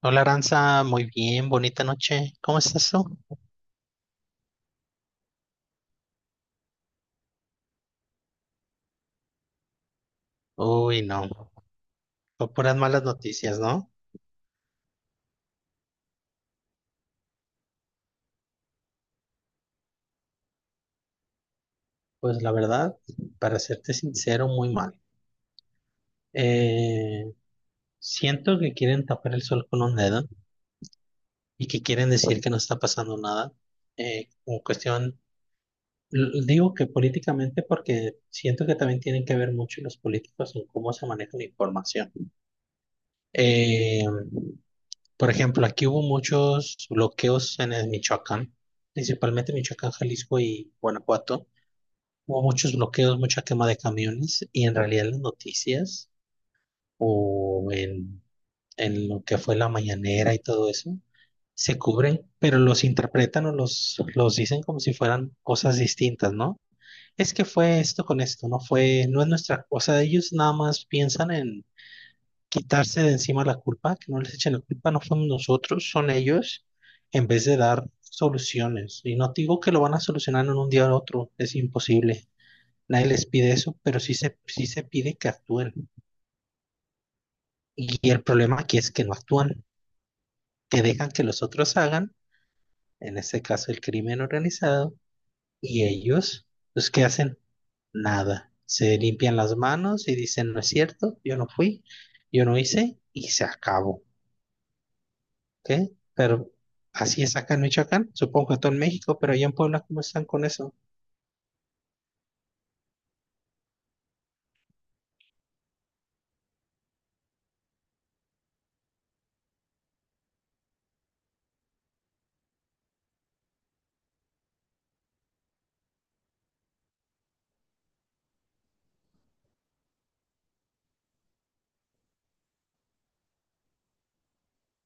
Hola Aranza, muy bien, bonita noche. ¿Cómo estás tú? Uy, no, no puras malas noticias, ¿no? Pues la verdad, para serte sincero, muy mal. Eh, siento que quieren tapar el sol con un dedo y que quieren decir que no está pasando nada. En cuestión, digo que políticamente porque siento que también tienen que ver mucho los políticos en cómo se maneja la información. Eh, por ejemplo, aquí hubo muchos bloqueos en el Michoacán, principalmente Michoacán, Jalisco y Guanajuato. Hubo muchos bloqueos, mucha quema de camiones y en realidad en las noticias o en lo que fue la mañanera y todo eso, se cubren, pero los interpretan o los dicen como si fueran cosas distintas, ¿no? Es que fue esto con esto, no fue, no es nuestra, o sea, ellos nada más piensan en quitarse de encima la culpa, que no les echen la culpa, no son nosotros, son ellos, en vez de dar soluciones. Y no digo que lo van a solucionar en un día o otro, es imposible. Nadie les pide eso, pero sí se pide que actúen. Y el problema aquí es que no actúan, que dejan que los otros hagan, en este caso el crimen organizado, y ellos, ¿los que hacen? Nada. Se limpian las manos y dicen, no es cierto, yo no fui, yo no hice, y se acabó. ¿Ok? Pero así es acá en Michoacán, supongo que todo en México, pero allá en Puebla, ¿cómo están con eso?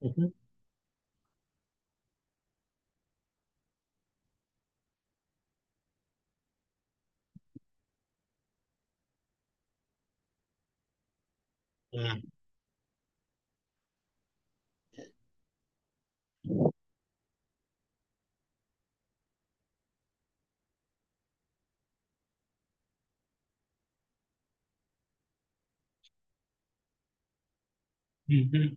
Ujú. Mm. Ujú.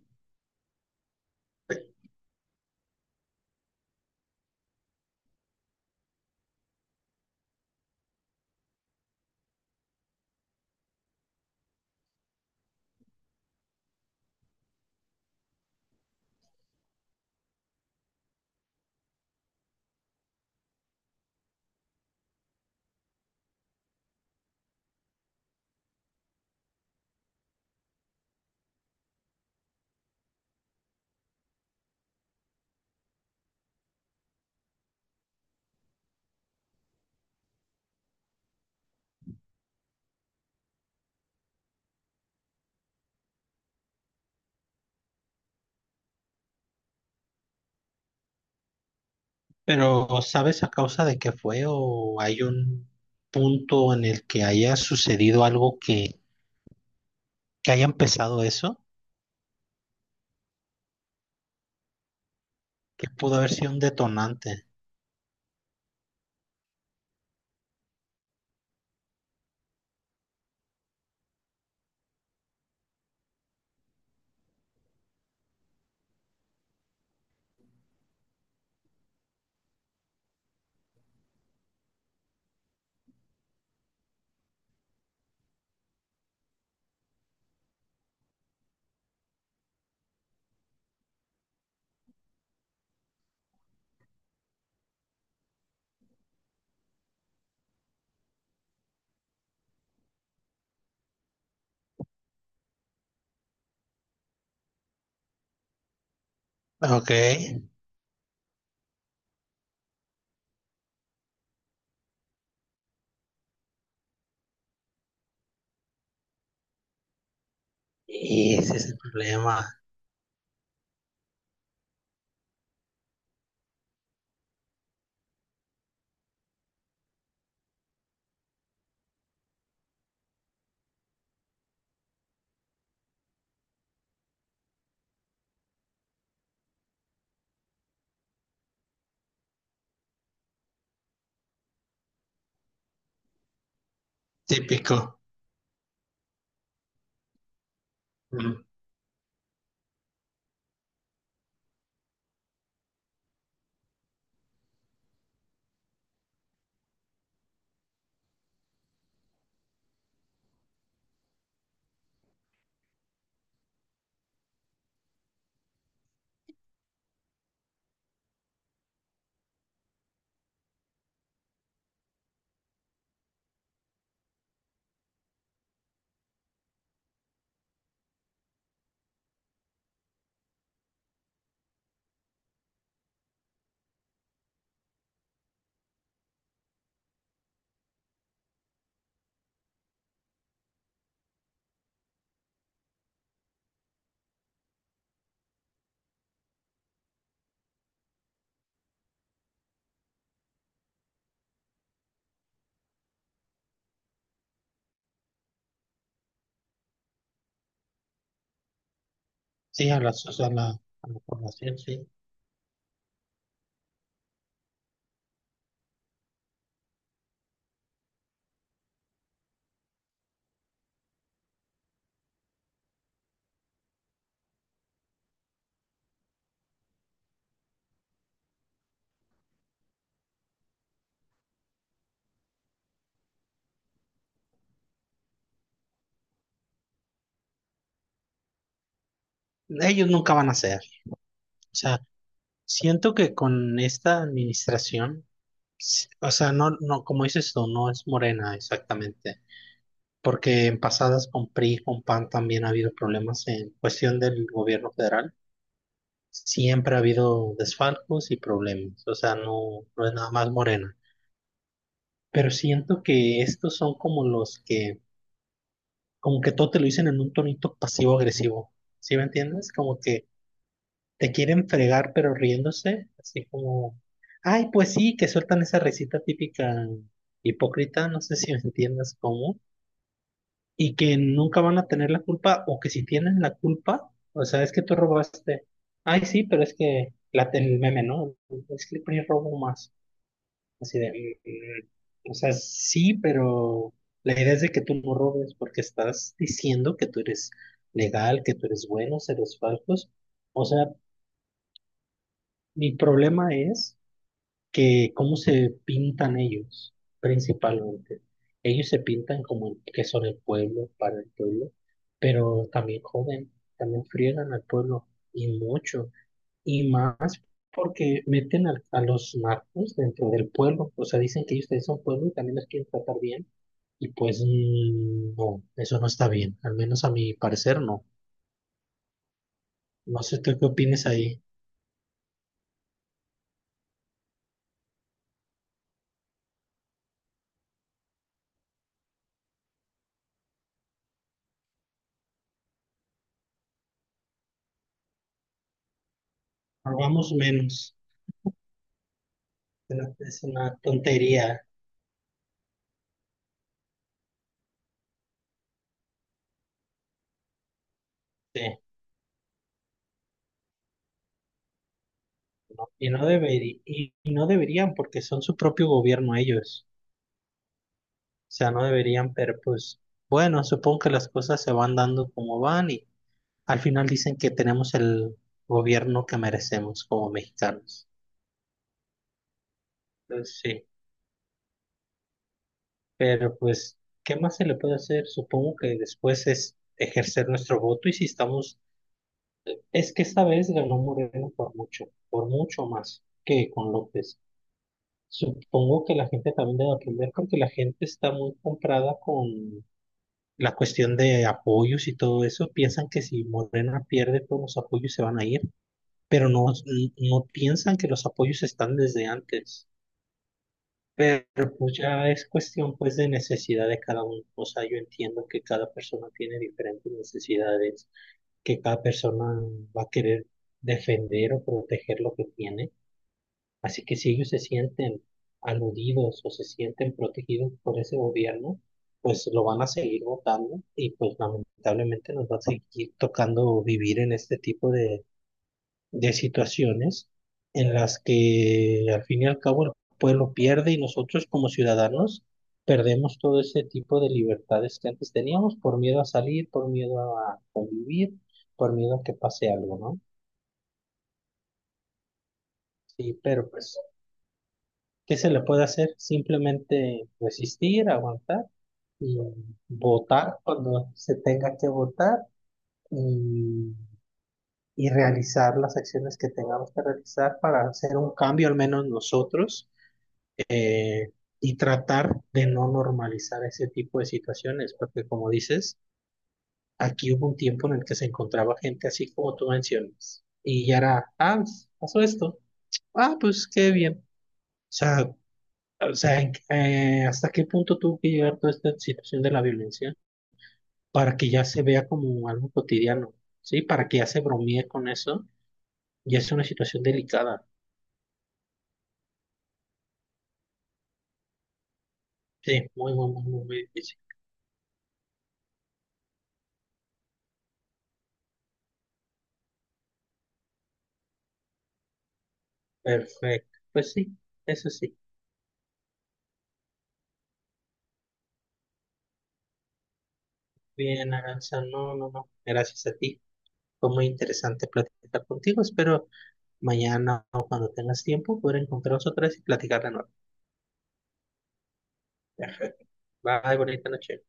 Pero ¿sabes a causa de qué fue o hay un punto en el que haya sucedido algo que haya empezado eso? Que pudo haber sido un detonante. Ok. Y ese es el problema típico. Mm. Sí, a la, o sea, a la, población, sí. Ellos nunca van a ser. O sea, siento que con esta administración. Sí, o sea, no, no, como dices tú, no es morena exactamente, porque en pasadas con PRI, con PAN también ha habido problemas en cuestión del gobierno federal. Siempre ha habido desfalcos y problemas, o sea, no, no es nada más morena. Pero siento que estos son como los que, como que todo te lo dicen en un tonito pasivo-agresivo, ¿sí me entiendes? Como que te quieren fregar pero riéndose, así como, ay, pues sí, que sueltan esa recita típica hipócrita, no sé si me entiendes cómo. Y que nunca van a tener la culpa o que si tienen la culpa, o sea, es que tú robaste. Ay, sí, pero es que la, el meme, ¿no? Es que el PRI robó más. Así de, o sea, sí, pero la idea es de que tú no robes porque estás diciendo que tú eres legal, que tú eres bueno, seres falsos. O sea, mi problema es que cómo se pintan ellos, principalmente. Ellos se pintan como que son el pueblo, para el pueblo, pero también joden, también friegan al pueblo, y mucho, y más porque meten a los narcos dentro del pueblo, o sea, dicen que ellos también son pueblo y también los quieren tratar bien, y pues no, eso no está bien, al menos a mi parecer no. No sé tú qué opinas ahí. Hagamos menos, es una tontería. Sí. ¿No? Y no y no deberían porque son su propio gobierno ellos. O sea, no deberían, pero pues bueno, supongo que las cosas se van dando como van y al final dicen que tenemos el gobierno que merecemos como mexicanos. Entonces, sí, pero pues, ¿qué más se le puede hacer? Supongo que después es ejercer nuestro voto y si estamos, es que esta vez ganó Moreno por mucho más que con López. Supongo que la gente también debe aprender porque la gente está muy comprada con la cuestión de apoyos y todo eso, piensan que si Morena pierde todos los apoyos se van a ir, pero no, no piensan que los apoyos están desde antes. Pero pues ya es cuestión pues de necesidad de cada uno. O sea, yo entiendo que cada persona tiene diferentes necesidades, que cada persona va a querer defender o proteger lo que tiene. Así que si ellos se sienten aludidos o se sienten protegidos por ese gobierno, pues lo van a seguir votando y pues lamentablemente nos va a seguir tocando vivir en este tipo de situaciones en las que al fin y al cabo el pueblo pierde y nosotros como ciudadanos perdemos todo ese tipo de libertades que antes teníamos por miedo a salir, por miedo a vivir, por miedo a que pase algo, ¿no? Sí, pero pues ¿qué se le puede hacer? Simplemente resistir, aguantar y votar cuando se tenga que votar y, y realizar las acciones que tengamos que realizar para hacer un cambio, al menos nosotros, eh, y tratar de no normalizar ese tipo de situaciones, porque como dices, aquí hubo un tiempo en el que se encontraba gente así como tú mencionas, y ya era, ah, pues, pasó esto, ah, pues qué bien. O sea, ¿hasta qué punto tuvo que llegar toda esta situación de la violencia para que ya se vea como algo cotidiano? ¿Sí? Para que ya se bromee con eso. Ya es una situación delicada. Sí, muy, muy, muy, muy, muy difícil. Perfecto. Pues sí, eso sí. Bien, Aranza. No, no, no. Gracias a ti. Fue muy interesante platicar contigo. Espero mañana o cuando tengas tiempo poder encontrarnos otra vez y platicar de nuevo. Bye, bonita noche.